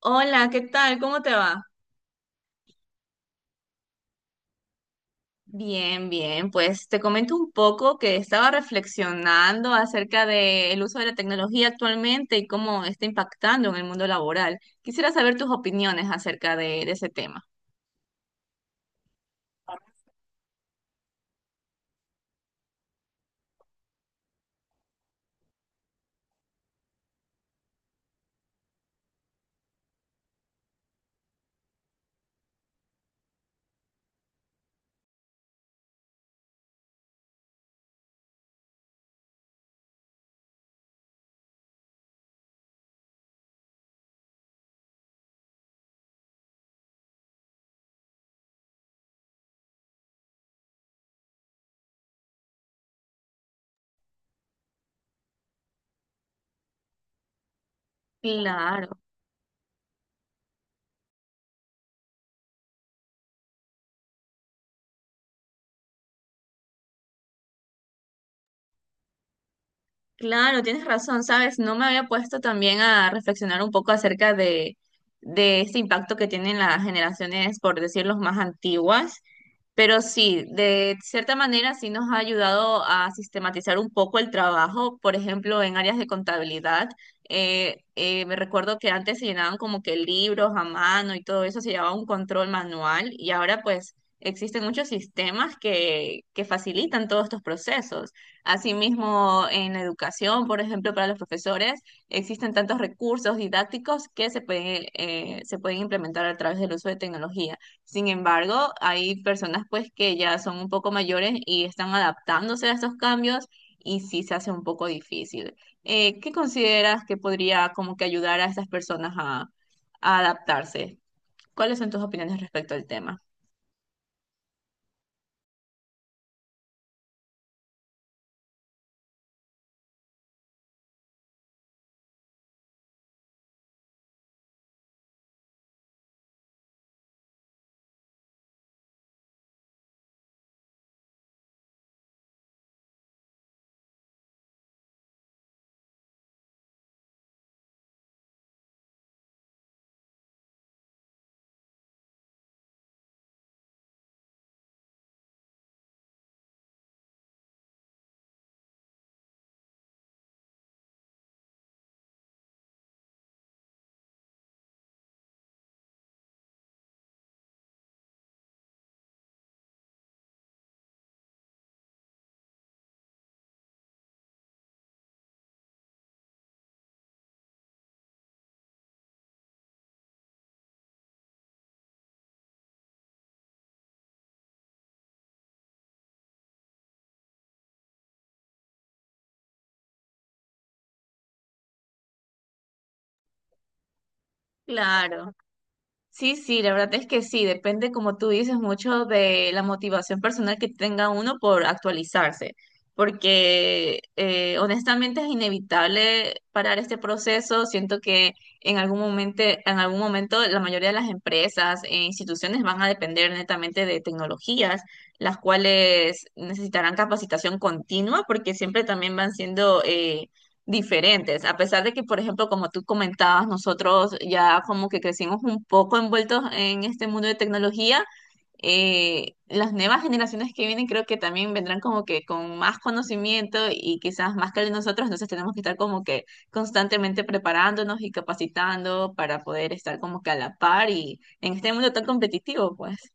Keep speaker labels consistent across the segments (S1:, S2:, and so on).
S1: Hola, ¿qué tal? ¿Cómo te va? Bien, bien, pues te comento un poco que estaba reflexionando acerca del uso de la tecnología actualmente y cómo está impactando en el mundo laboral. Quisiera saber tus opiniones acerca de ese tema. Claro, claro, tienes razón, sabes, no me había puesto también a reflexionar un poco acerca de este impacto que tienen las generaciones, por decir, los más antiguas. Pero sí, de cierta manera sí nos ha ayudado a sistematizar un poco el trabajo, por ejemplo, en áreas de contabilidad. Me recuerdo que antes se llenaban como que libros a mano y todo eso, se llevaba un control manual y ahora pues existen muchos sistemas que facilitan todos estos procesos. Asimismo, en educación, por ejemplo, para los profesores, existen tantos recursos didácticos que se pueden implementar a través del uso de tecnología. Sin embargo, hay personas pues que ya son un poco mayores y están adaptándose a estos cambios y sí se hace un poco difícil. ¿Qué consideras que podría como que ayudar a estas personas a adaptarse? ¿Cuáles son tus opiniones respecto al tema? Claro. Sí, sí, la verdad es que sí, depende, como tú dices, mucho de la motivación personal que tenga uno por actualizarse, porque honestamente es inevitable parar este proceso. Siento que en algún momento la mayoría de las empresas e instituciones van a depender netamente de tecnologías, las cuales necesitarán capacitación continua, porque siempre también van siendo... diferentes, a pesar de que, por ejemplo, como tú comentabas, nosotros ya como que crecimos un poco envueltos en este mundo de tecnología. Las nuevas generaciones que vienen creo que también vendrán como que con más conocimiento y quizás más que el de nosotros, entonces tenemos que estar como que constantemente preparándonos y capacitando para poder estar como que a la par y en este mundo tan competitivo, pues.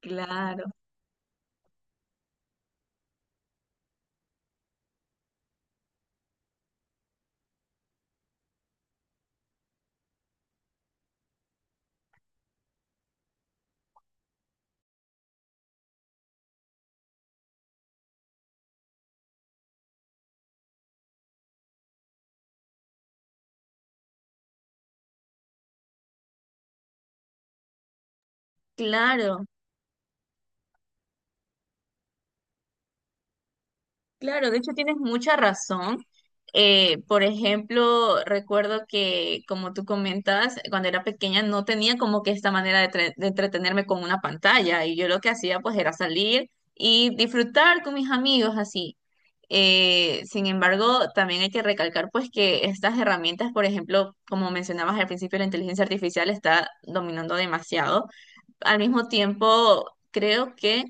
S1: Claro, claro. Claro, de hecho tienes mucha razón. Por ejemplo, recuerdo que, como tú comentas, cuando era pequeña no tenía como que esta manera de entretenerme con una pantalla y yo lo que hacía pues era salir y disfrutar con mis amigos así. Sin embargo, también hay que recalcar pues que estas herramientas, por ejemplo, como mencionabas al principio, la inteligencia artificial está dominando demasiado. Al mismo tiempo, creo que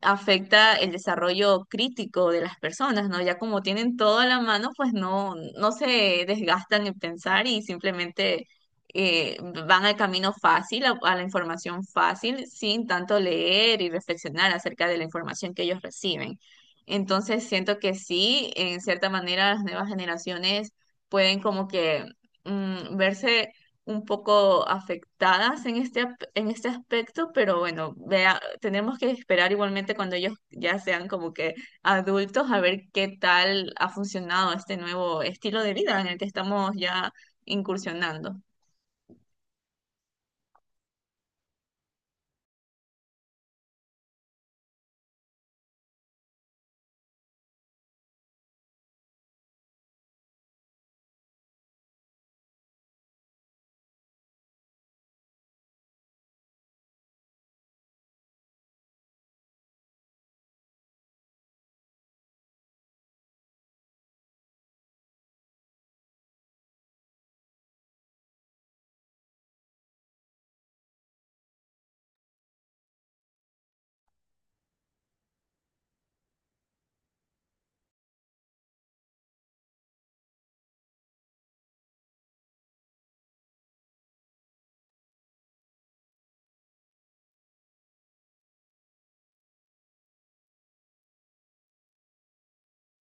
S1: afecta el desarrollo crítico de las personas, ¿no? Ya como tienen todo a la mano, pues no, no se desgastan en pensar y simplemente eh, van al camino fácil, a la información fácil, sin tanto leer y reflexionar acerca de la información que ellos reciben. Entonces siento que sí, en cierta manera las nuevas generaciones pueden como que verse un poco afectadas en en este aspecto, pero bueno, vea, tenemos que esperar igualmente cuando ellos ya sean como que adultos a ver qué tal ha funcionado este nuevo estilo de vida en el que estamos ya incursionando.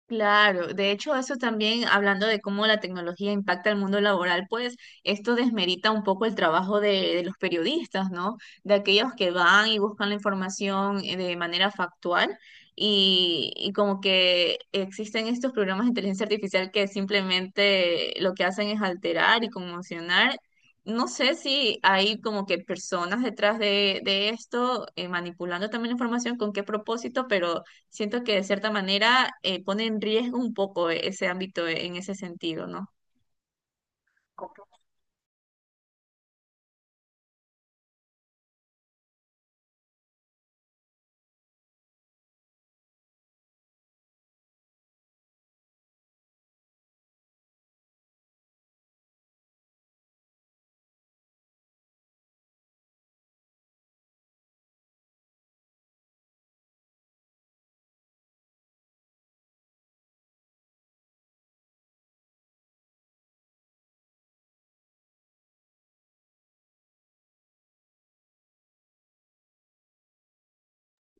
S1: Claro, de hecho eso también, hablando de cómo la tecnología impacta el mundo laboral, pues esto desmerita un poco el trabajo de los periodistas, ¿no? De aquellos que van y buscan la información de manera factual y como que existen estos programas de inteligencia artificial que simplemente lo que hacen es alterar y conmocionar. No sé si hay como que personas detrás de esto, manipulando también la información, con qué propósito, pero... Siento que de cierta manera, pone en riesgo un poco ese ámbito en ese sentido, ¿no?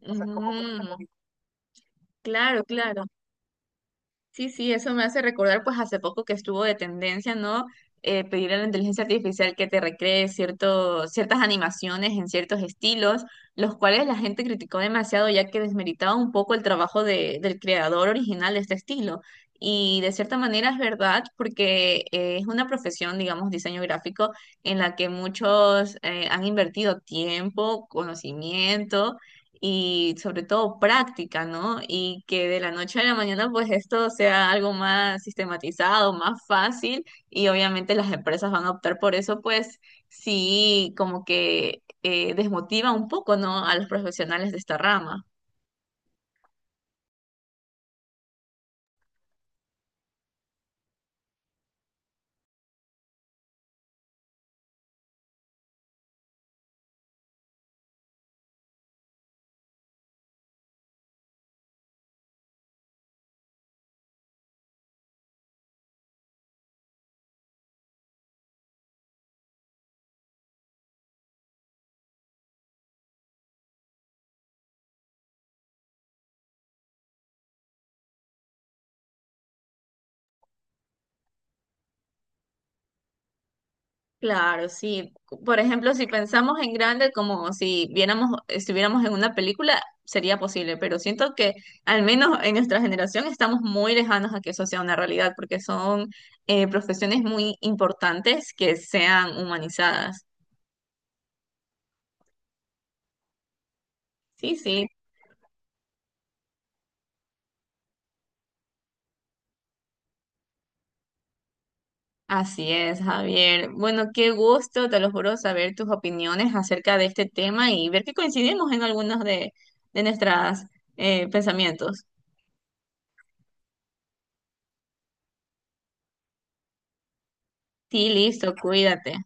S1: O sea, mm, claro, claro. Sí, sí, eso me hace recordar, pues hace poco que estuvo de tendencia, ¿no? Pedir a la inteligencia artificial que te recree ciertas animaciones en ciertos estilos, los cuales la gente criticó demasiado ya que desmeritaba un poco el trabajo del creador original de este estilo. Y de cierta manera es verdad, porque es una profesión, digamos, diseño gráfico, en la que muchos han invertido tiempo, conocimiento y sobre todo práctica, ¿no? Y que de la noche a la mañana pues esto sea algo más sistematizado, más fácil y obviamente las empresas van a optar por eso, pues sí, como que, desmotiva un poco, ¿no? A los profesionales de esta rama. Claro, sí. Por ejemplo, si pensamos en grande, como si viéramos, estuviéramos en una película, sería posible, pero siento que al menos en nuestra generación estamos muy lejanos a que eso sea una realidad, porque son profesiones muy importantes que sean humanizadas. Sí, sí, así es, Javier. Bueno, qué gusto, te lo juro, saber tus opiniones acerca de este tema y ver que coincidimos en algunos de nuestros pensamientos. Sí, listo, cuídate.